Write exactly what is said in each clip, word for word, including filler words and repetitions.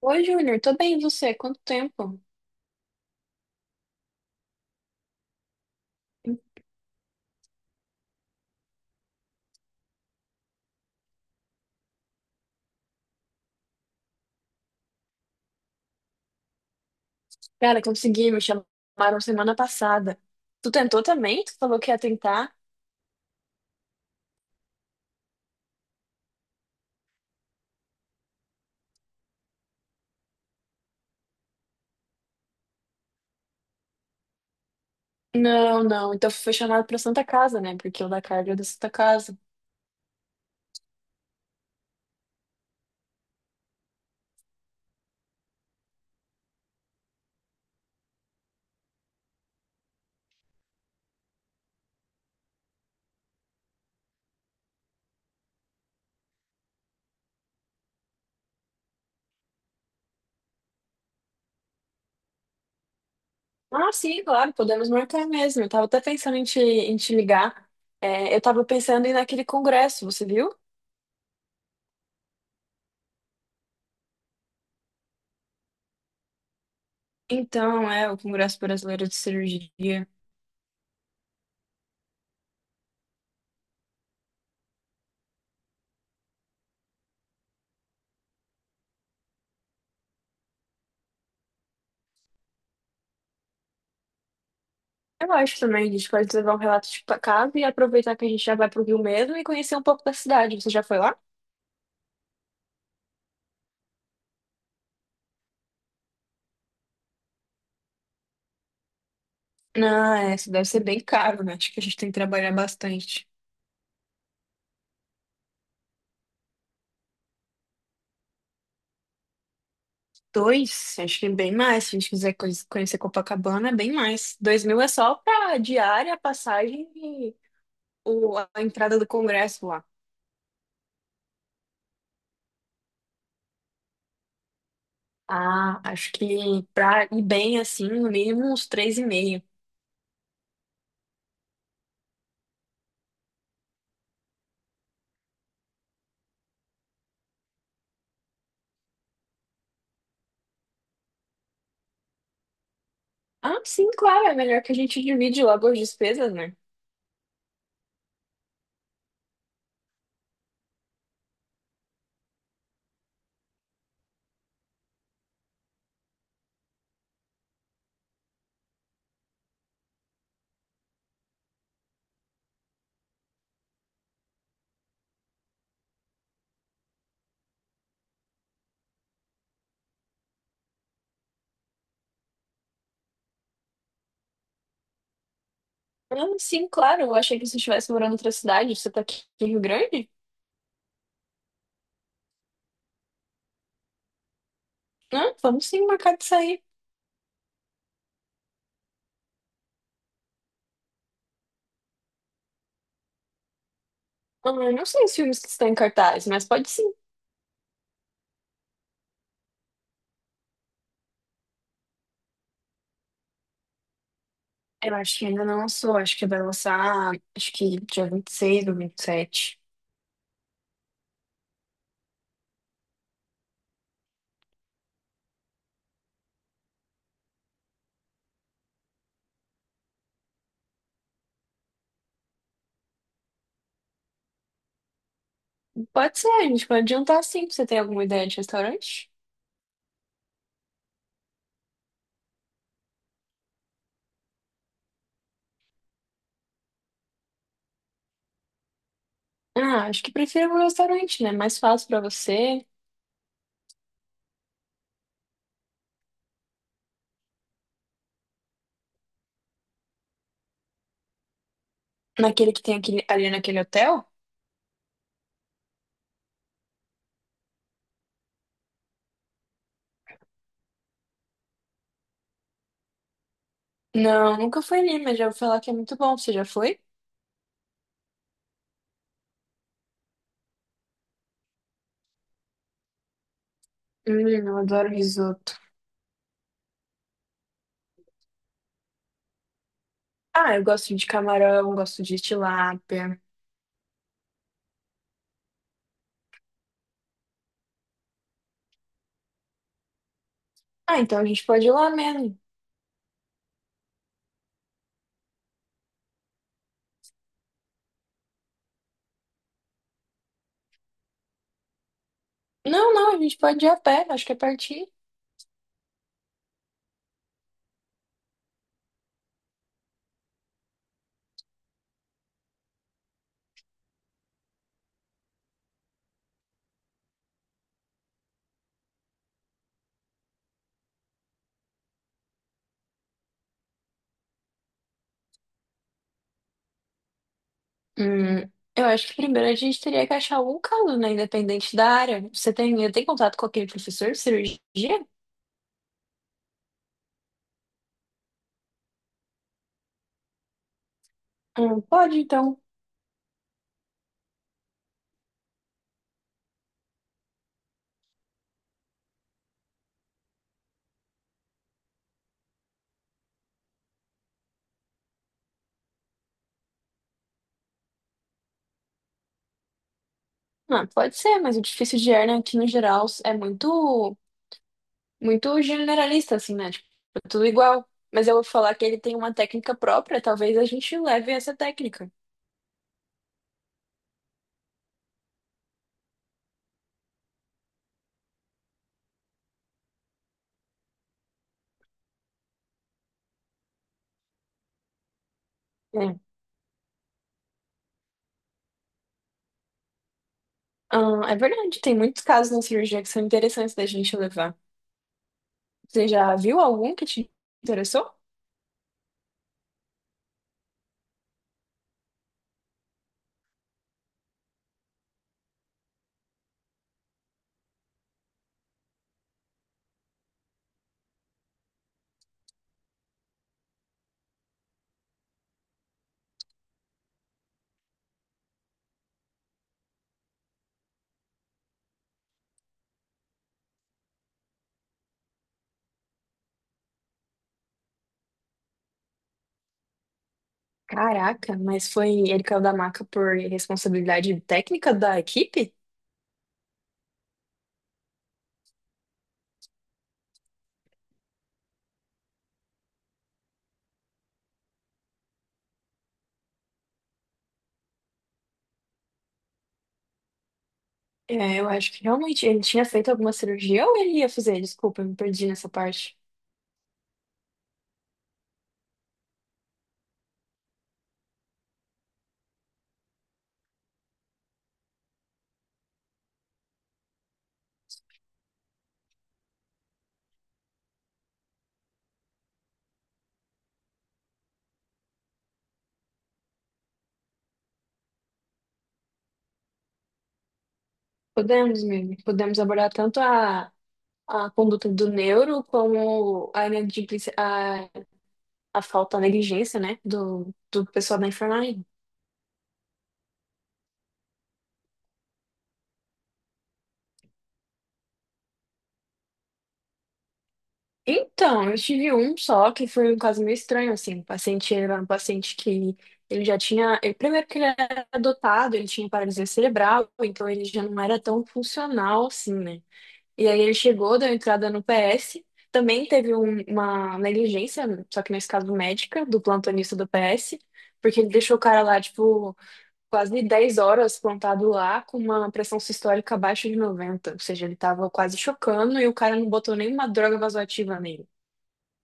Oi, Júnior, tô bem, e você? Quanto tempo? Cara, consegui, me chamaram semana passada. Tu tentou também? Tu falou que ia tentar? Não, não, então foi chamado pra Santa Casa, né? Porque o da Carga é da Santa Casa. Ah, sim, claro, podemos marcar mesmo. Eu tava até pensando em te, em te ligar. É, eu tava pensando em ir naquele congresso, você viu? Então, é, o Congresso Brasileiro de Cirurgia. Eu acho também, a gente pode levar um relato de casa e aproveitar que a gente já vai pro Rio mesmo e conhecer um pouco da cidade. Você já foi lá? Ah, é, isso deve ser bem caro, né? Acho que a gente tem que trabalhar bastante. Dois, acho que bem mais. Se a gente quiser co- conhecer Copacabana, é bem mais. Dois mil é só pra diária, passagem e o, a entrada do Congresso lá. Ah, acho que pra ir bem assim, no mínimo uns três e meio. Ah, sim, claro, é melhor que a gente divide logo as despesas, né? Ah, sim, claro, eu achei que você estivesse morando em outra cidade. Você tá aqui em Rio Grande? Ah, vamos sim marcar de sair. Ah, eu não sei os filmes que estão em cartaz, mas pode sim. Eu acho que ainda não lançou, acho que vai lançar, acho que dia vinte e seis ou vinte e sete. Pode ser, a gente pode adiantar sim. Você tem alguma ideia de restaurante? Ah, acho que prefiro um restaurante, né? Mais fácil pra você. Naquele que tem aquele, ali naquele hotel? Não, nunca fui ali, mas já vou falar que é muito bom. Você já foi? Hum, eu adoro risoto. Ah, eu gosto de camarão, gosto de tilápia. Ah, então a gente pode ir lá mesmo. Não, não, a gente pode ir a pé, acho que é pertinho. Hum, eu acho que primeiro a gente teria que achar algum caso, né? Independente da área. Você tem, tem contato com aquele professor de cirurgia? Hum, pode, então. Ah, pode ser, mas o difícil de hernia aqui no geral é muito, muito generalista, assim, né? Tipo, é tudo igual. Mas eu vou falar que ele tem uma técnica própria, talvez a gente leve essa técnica. É. Ah, é verdade, tem muitos casos na cirurgia que são interessantes da gente levar. Você já viu algum que te interessou? Caraca, mas foi ele caiu da maca por responsabilidade técnica da equipe? É, eu acho que realmente ele tinha feito alguma cirurgia ou ele ia fazer? Desculpa, eu me perdi nessa parte. Podemos, mesmo. Podemos abordar tanto a, a conduta do neuro como a, glicosilase, a falta, a negligência, né, do, do pessoal da enfermagem. Então, eu tive um só que foi um caso meio estranho, assim. O paciente era um paciente que ele já tinha. Ele- primeiro que ele era adotado, ele tinha paralisia cerebral, então ele já não era tão funcional assim, né? E aí ele chegou, deu entrada no P S, também teve um- uma negligência, só que nesse caso médica, do plantonista do P S, porque ele deixou o cara lá, tipo, quase dez horas plantado lá com uma pressão sistólica abaixo de noventa. Ou seja, ele estava quase chocando e o cara não botou nenhuma droga vasoativa nele,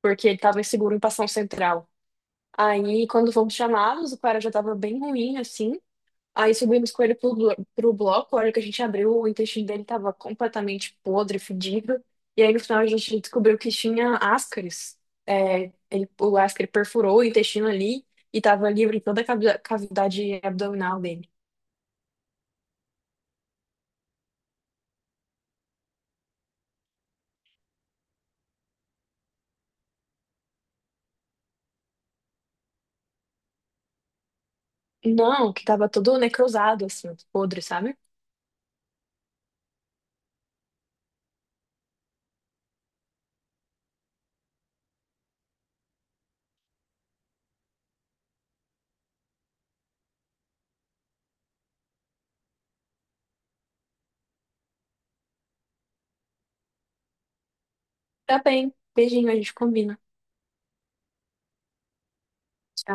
porque ele estava inseguro em passão central. Aí, quando fomos chamados, o cara já estava bem ruim, assim. Aí subimos com ele pro, blo- pro bloco. A hora que a gente abriu, o intestino dele estava completamente podre, fedido. E aí, no final, a gente descobriu que tinha ascaris. É, ele, o ascaris perfurou o intestino ali e estava livre em toda a cavi- cavidade abdominal dele. Não, que tava todo necrosado, assim, podre, sabe? Tá bem. Beijinho, a gente combina. Tchau.